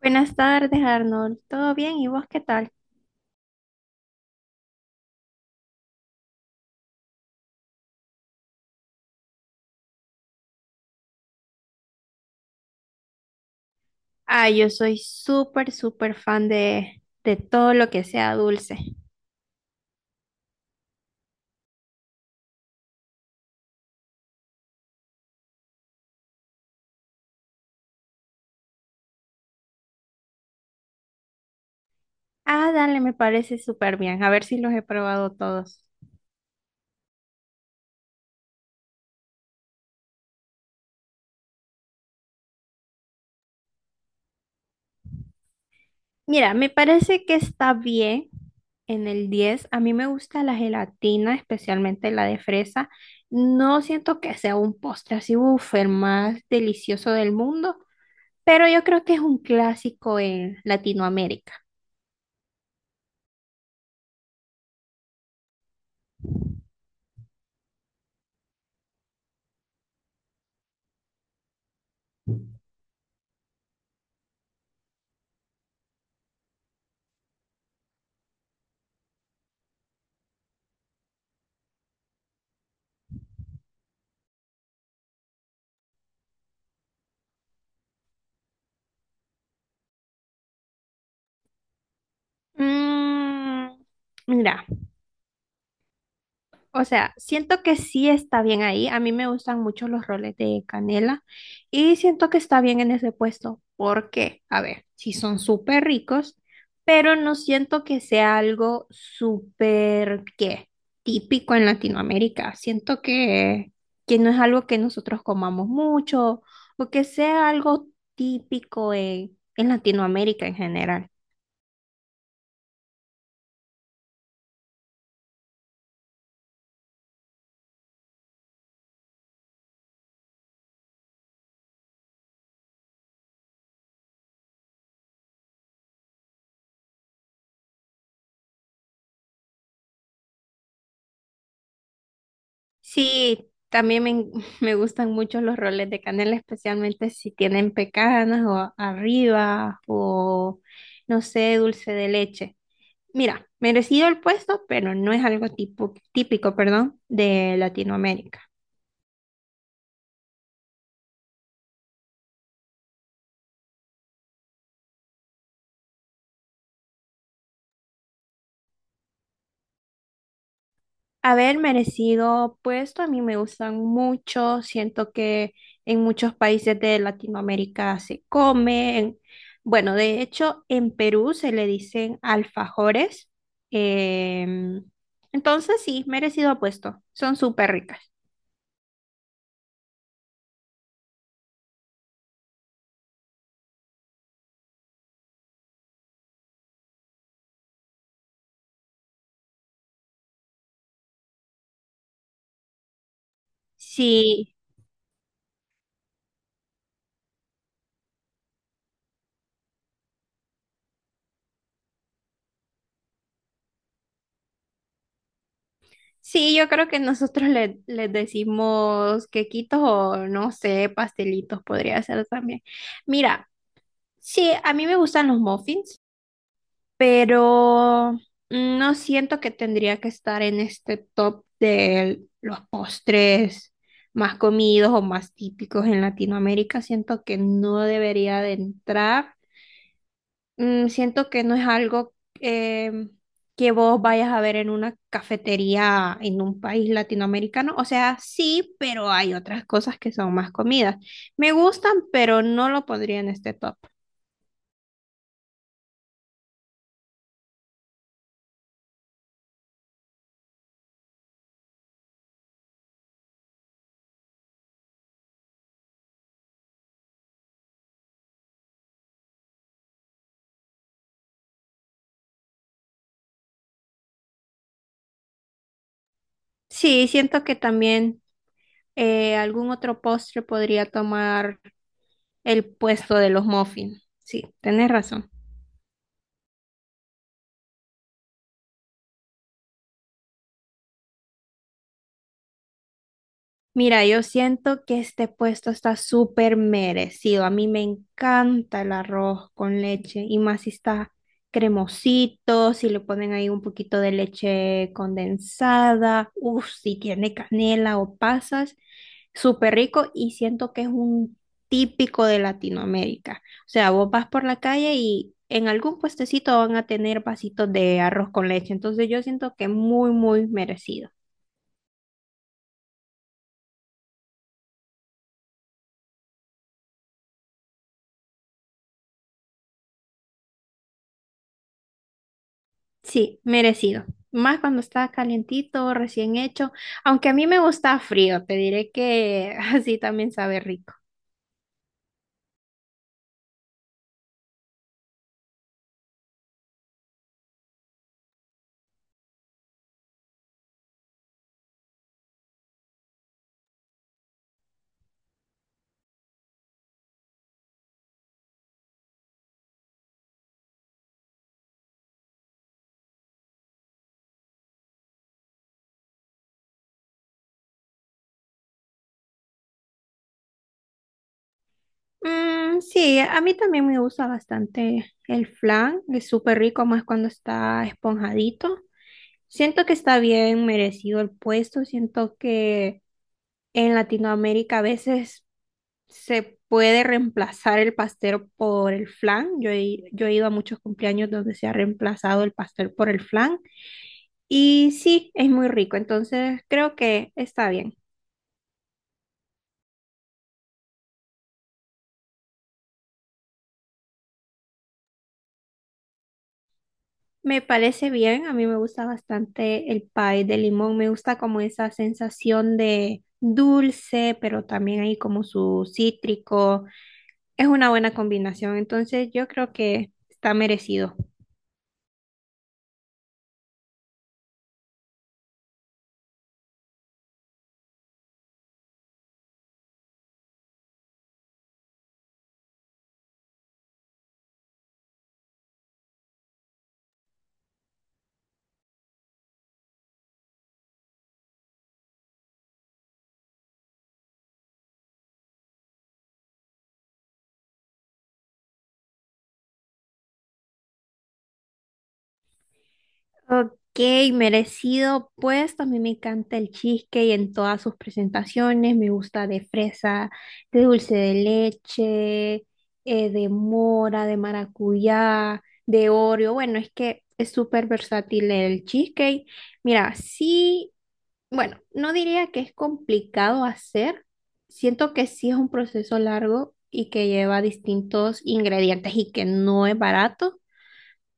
Buenas tardes, Arnold. ¿Todo bien? ¿Y vos qué tal? Ah, yo soy súper, súper fan de todo lo que sea dulce. Ah, dale, me parece súper bien. A ver si los he probado todos. Mira, me parece que está bien en el 10. A mí me gusta la gelatina, especialmente la de fresa. No siento que sea un postre así, uff, el más delicioso del mundo, pero yo creo que es un clásico en Latinoamérica. Mm, mira. O sea, siento que sí está bien ahí. A mí me gustan mucho los roles de canela y siento que está bien en ese puesto, porque, a ver, sí son súper ricos, pero no siento que sea algo súper, ¿qué? Típico en Latinoamérica. Siento que no es algo que nosotros comamos mucho o que sea algo típico en Latinoamérica en general. Sí, también me gustan mucho los roles de canela, especialmente si tienen pecanas o arriba o, no sé, dulce de leche. Mira, merecido el puesto, pero no es algo tipo, típico, perdón, de Latinoamérica. Haber merecido puesto. A mí me gustan mucho. Siento que en muchos países de Latinoamérica se comen. Bueno, de hecho, en Perú se le dicen alfajores. Em, entonces, sí, merecido puesto. Son súper ricas. Sí, sí, yo creo que nosotros les decimos quequitos o no sé, pastelitos podría ser también. Mira, sí, a mí me gustan los muffins, pero no siento que tendría que estar en este top de los postres más comidos o más típicos en Latinoamérica. Siento que no debería de entrar. Mm, siento que no es algo eh, que vos vayas a ver en una cafetería en un país latinoamericano. O sea, sí, pero hay otras cosas que son más comidas. Me gustan, pero no lo pondría en este top. Sí, siento que también algún otro postre podría tomar el puesto de los muffins. Sí, tenés razón. Mira, yo siento que este puesto está súper merecido. A mí me encanta el arroz con leche y más si está cremosito, si le ponen ahí un poquito de leche condensada, uff, si tiene canela o pasas, súper rico, y siento que es un típico de Latinoamérica. O sea, vos vas por la calle y en algún puestecito van a tener vasitos de arroz con leche. Entonces yo siento que muy, muy merecido. Sí, merecido. Más cuando está calientito, recién hecho. Aunque a mí me gusta frío, te diré que así también sabe rico. Mm, sí, a mí también me gusta bastante el flan. Es súper rico, más cuando está esponjadito. Siento que está bien merecido el puesto. Siento que en Latinoamérica a veces se puede reemplazar el pastel por el flan. Yo he ido a muchos cumpleaños donde se ha reemplazado el pastel por el flan. Y sí, es muy rico, entonces creo que está bien. Me parece bien, a mí me gusta bastante el pie de limón, me gusta como esa sensación de dulce, pero también hay como su cítrico. Es una buena combinación, entonces yo creo que está merecido. Ok, merecido, pues también me encanta el cheesecake en todas sus presentaciones, me gusta de fresa, de dulce de leche, de mora, de maracuyá, de Oreo. Bueno, es que es súper versátil el cheesecake. Mira, sí, bueno, no diría que es complicado hacer, siento que sí es un proceso largo y que lleva distintos ingredientes y que no es barato,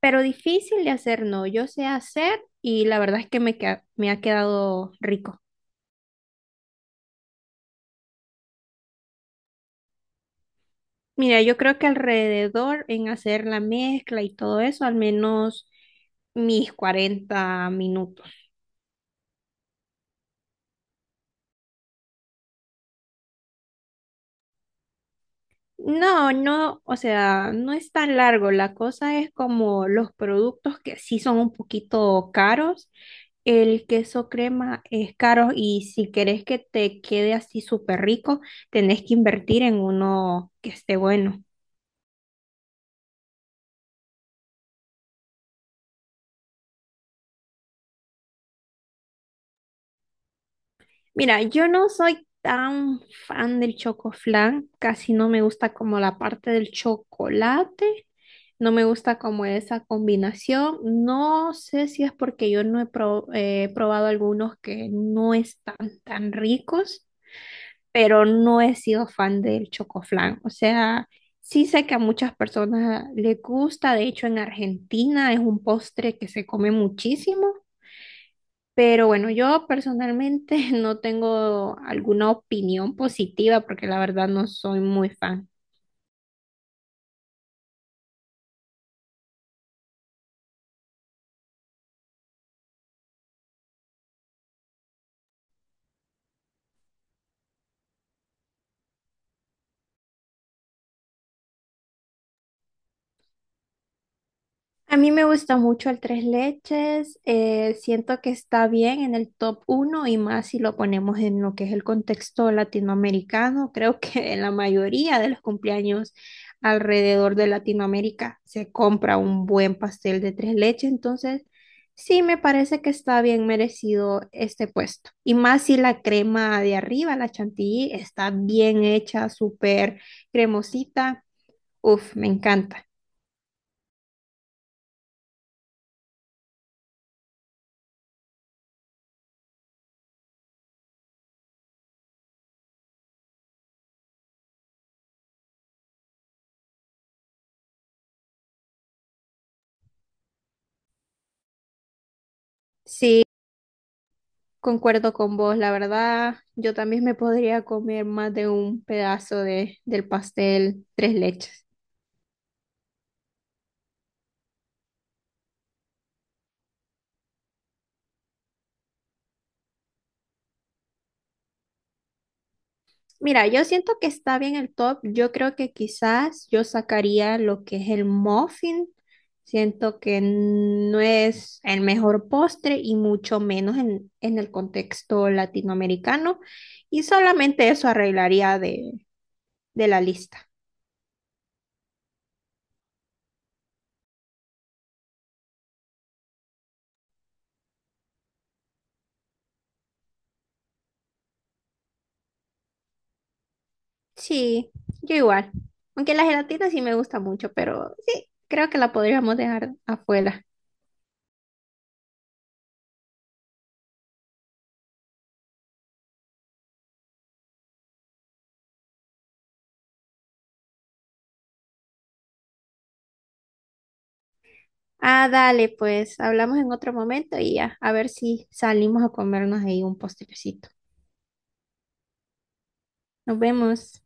pero difícil de hacer no. Yo sé hacer y la verdad es que me ha quedado rico. Mira, yo creo que alrededor en hacer la mezcla y todo eso, al menos mis 40 minutos. No, no, o sea, no es tan largo. La cosa es como los productos que sí son un poquito caros. El queso crema es caro y si querés que te quede así súper rico, tenés que invertir en uno que esté bueno. Mira, yo no soy tan fan del chocoflan, casi no me gusta como la parte del chocolate, no me gusta como esa combinación. No sé si es porque yo no he pro- probado algunos que no están tan ricos, pero no he sido fan del chocoflan. O sea, sí sé que a muchas personas les gusta, de hecho en Argentina es un postre que se come muchísimo. Pero bueno, yo personalmente no tengo alguna opinión positiva porque la verdad no soy muy fan. A mí me gusta mucho el tres leches, siento que está bien en el top uno y más si lo ponemos en lo que es el contexto latinoamericano. Creo que en la mayoría de los cumpleaños alrededor de Latinoamérica se compra un buen pastel de tres leches, entonces sí me parece que está bien merecido este puesto. Y más si la crema de arriba, la chantilly, está bien hecha, súper cremosita. Uf, me encanta. Sí. Concuerdo con vos, la verdad, yo también me podría comer más de un pedazo de, del pastel tres leches. Mira, yo siento que está bien el top, yo creo que quizás yo sacaría lo que es el muffin, siento que no es el mejor postre y mucho menos en el contexto latinoamericano, y solamente eso arreglaría de la lista. Sí, yo igual. Aunque la gelatina sí me gusta mucho, pero sí, creo que la podríamos dejar afuera. Ah, dale, pues hablamos en otro momento y ya, a ver si salimos a comernos ahí un postrecito. Nos vemos.